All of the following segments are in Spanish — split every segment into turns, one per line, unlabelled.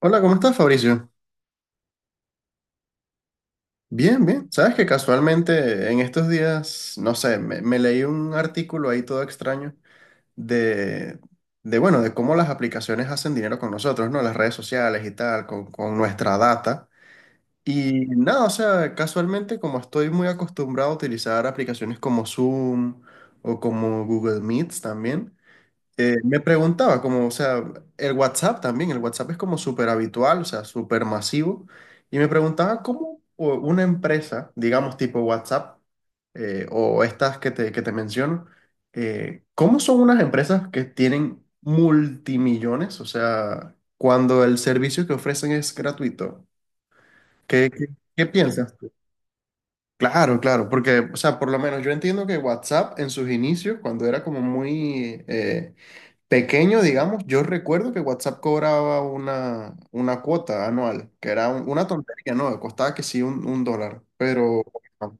Hola, ¿cómo estás, Fabricio? Bien, bien. Sabes que casualmente en estos días, no sé, me leí un artículo ahí todo extraño de, bueno, de cómo las aplicaciones hacen dinero con nosotros, ¿no? Las redes sociales y tal, con nuestra data. Y nada, o sea, casualmente como estoy muy acostumbrado a utilizar aplicaciones como Zoom o como Google Meets también. Me preguntaba, como, o sea, el WhatsApp también, el WhatsApp es como súper habitual, o sea, súper masivo, y me preguntaba cómo una empresa, digamos tipo WhatsApp, o estas que te menciono, ¿cómo son unas empresas que tienen multimillones? O sea, cuando el servicio que ofrecen es gratuito. ¿Qué, qué, qué piensas tú? Claro, claro, porque, o sea, por lo menos yo entiendo que WhatsApp en sus inicios, cuando era como muy pequeño, digamos, yo recuerdo que WhatsApp cobraba una cuota anual, que era una tontería, ¿no? Costaba que sí un dólar, pero bueno,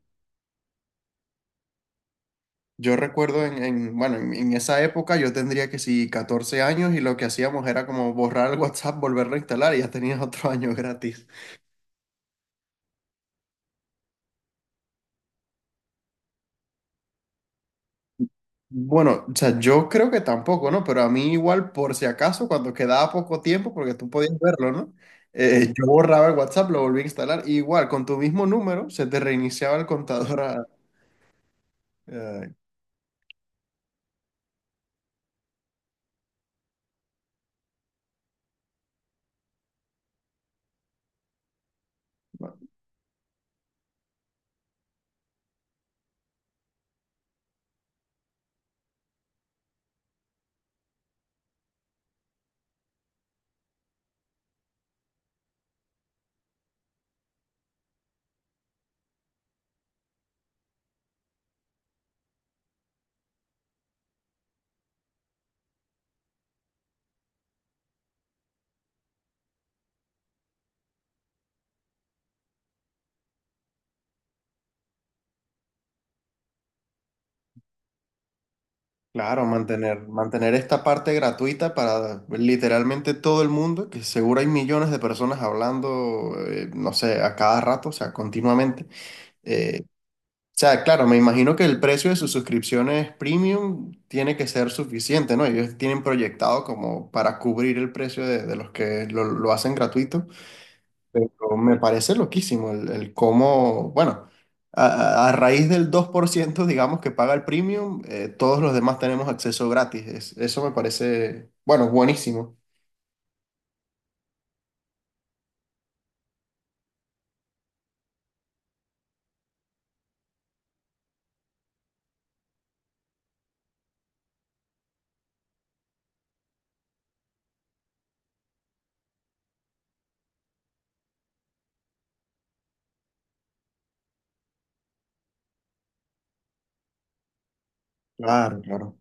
yo recuerdo bueno, en esa época yo tendría que sí 14 años y lo que hacíamos era como borrar el WhatsApp, volverlo a instalar y ya tenías otro año gratis. Bueno, o sea, yo creo que tampoco, ¿no? Pero a mí igual, por si acaso, cuando quedaba poco tiempo, porque tú podías verlo, ¿no? Yo borraba el WhatsApp, lo volví a instalar, y igual, con tu mismo número, se te reiniciaba el contador Eh, claro, mantener esta parte gratuita para literalmente todo el mundo, que seguro hay millones de personas hablando, no sé, a cada rato, o sea, continuamente. Eh, o sea, claro, me imagino que el precio de sus suscripciones premium tiene que ser suficiente, ¿no? Ellos tienen proyectado como para cubrir el precio de los que lo hacen gratuito. Pero me parece loquísimo el cómo, bueno, a raíz del 2% digamos, que paga el premium, todos los demás tenemos acceso gratis. Eso me parece, bueno, buenísimo. Claro, claro.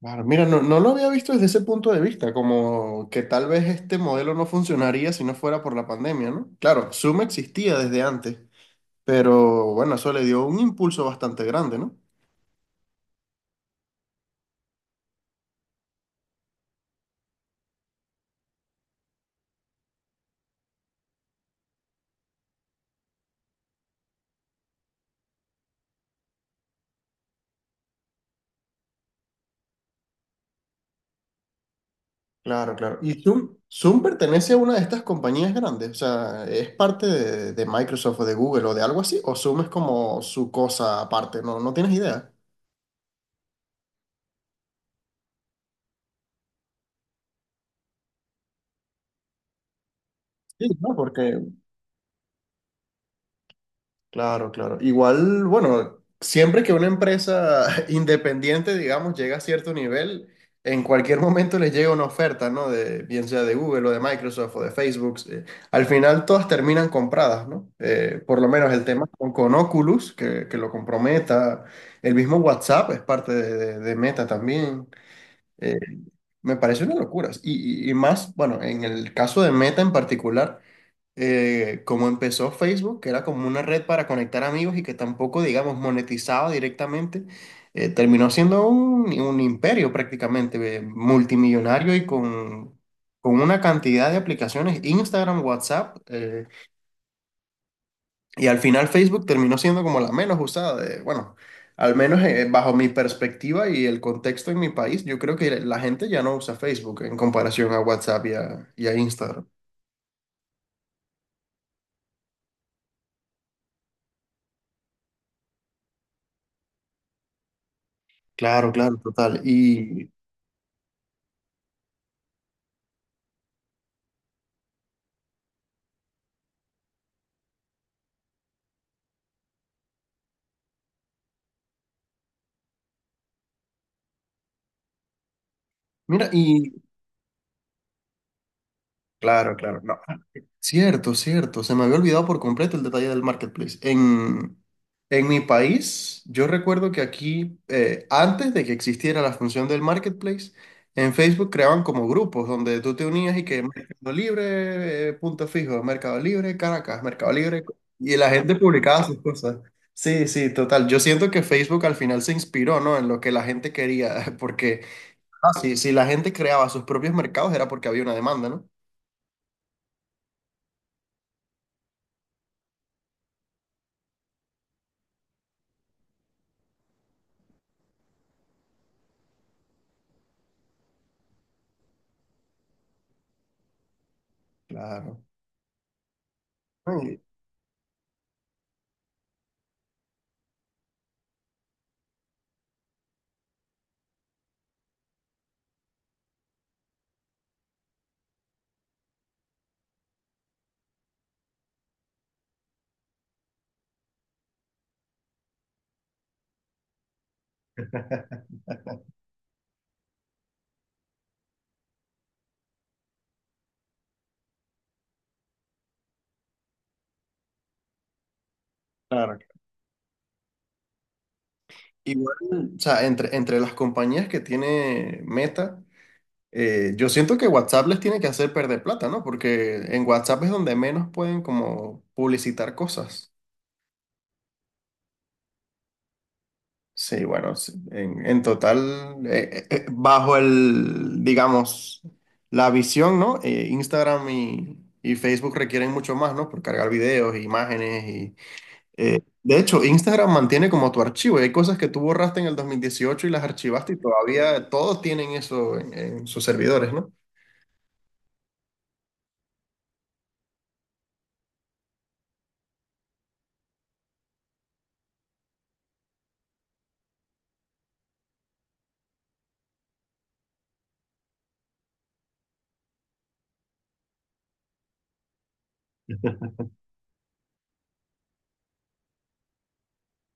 Claro, mira, no, no lo había visto desde ese punto de vista, como que tal vez este modelo no funcionaría si no fuera por la pandemia, ¿no? Claro, Zoom existía desde antes, pero bueno, eso le dio un impulso bastante grande, ¿no? Claro, claro. ¿Y Zoom pertenece a una de estas compañías grandes? O sea, ¿es parte de Microsoft o de Google o de algo así? ¿O Zoom es como su cosa aparte? No, no tienes idea. Sí, ¿no? Porque claro, claro. Igual, bueno, siempre que una empresa independiente, digamos, llega a cierto nivel, en cualquier momento les llega una oferta, ¿no? De, bien sea de Google o de Microsoft o de Facebook. Al final todas terminan compradas, ¿no? Por lo menos el tema con Oculus, que lo comprometa. El mismo WhatsApp es parte de Meta también. Eh, Me parece una locura. Y más, bueno, en el caso de Meta en particular, como empezó Facebook, que era como una red para conectar amigos y que tampoco, digamos, monetizaba directamente, terminó siendo un imperio prácticamente, multimillonario y con una cantidad de aplicaciones, Instagram, WhatsApp, y al final Facebook terminó siendo como la menos usada, de, bueno, al menos bajo mi perspectiva y el contexto en mi país, yo creo que la gente ya no usa Facebook en comparación a WhatsApp y y a Instagram. Claro, claro, total. Y mira, y claro, claro. No. Cierto, cierto. Se me había olvidado por completo el detalle del marketplace. En mi país, yo recuerdo que aquí, antes de que existiera la función del marketplace, en Facebook creaban como grupos donde tú te unías y que Mercado Libre, Punto Fijo, Mercado Libre, Caracas, Mercado Libre, y la gente publicaba sus cosas. Sí, sí, total. Yo siento que Facebook al final se inspiró, ¿no? En lo que la gente quería, porque ah, sí, si la gente creaba sus propios mercados era porque había una demanda, ¿no? Claro. Sí, claro. Igual, o sea, entre las compañías que tiene Meta, yo siento que WhatsApp les tiene que hacer perder plata, ¿no? Porque en WhatsApp es donde menos pueden como publicitar cosas. Sí, bueno, sí, en total, bajo el, digamos, la visión, ¿no? Instagram y Facebook requieren mucho más, ¿no? Por cargar videos, imágenes. De hecho, Instagram mantiene como tu archivo. Y hay cosas que tú borraste en el 2018 y las archivaste y todavía todos tienen eso en sus servidores, ¿no?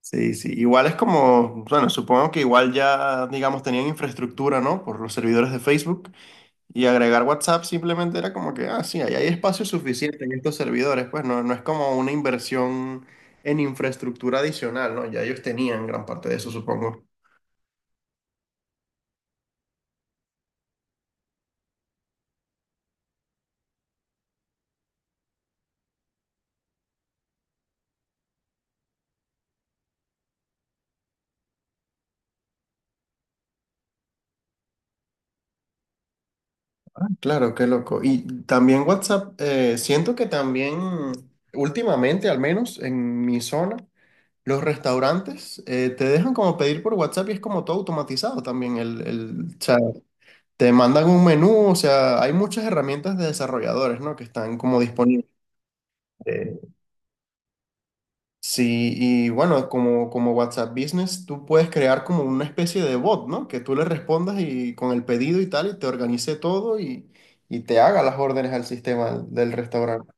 Sí, sí. Igual es como, bueno, supongo que igual ya, digamos, tenían infraestructura, ¿no? Por los servidores de Facebook. Y agregar WhatsApp simplemente era como que, ah, sí, ahí hay espacio suficiente en estos servidores. Pues no, no es como una inversión en infraestructura adicional, ¿no? Ya ellos tenían gran parte de eso, supongo. Claro, qué loco. Y también WhatsApp, siento que también últimamente, al menos en mi zona, los restaurantes te dejan como pedir por WhatsApp y es como todo automatizado también. O sea, te mandan un menú, o sea, hay muchas herramientas de desarrolladores, ¿no? Que están como disponibles. Eh, sí, y bueno, como WhatsApp Business, tú puedes crear como una especie de bot, ¿no? Que tú le respondas y con el pedido y tal, y te organice todo y te haga las órdenes al sistema del restaurante.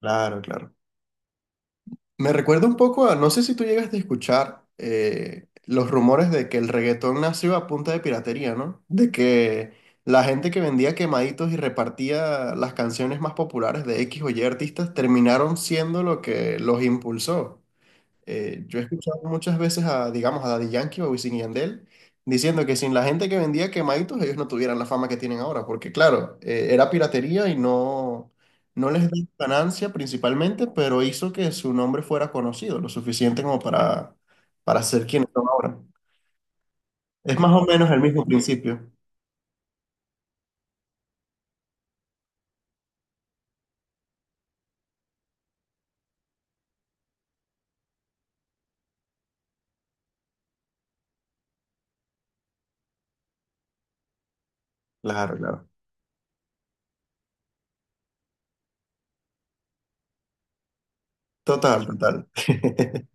Claro, claro. Me recuerda un poco a, no sé si tú llegaste a escuchar los rumores de que el reggaetón nació a punta de piratería, ¿no? De que la gente que vendía quemaditos y repartía las canciones más populares de X o Y artistas terminaron siendo lo que los impulsó. Yo he escuchado muchas veces a, digamos, a Daddy Yankee o a Wisin y Yandel diciendo que sin la gente que vendía quemaditos ellos no tuvieran la fama que tienen ahora, porque claro, era piratería y no, no les dio ganancia principalmente, pero hizo que su nombre fuera conocido lo suficiente como para ser quienes son ahora. Es más o menos el mismo principio. Claro, claro. Total, total.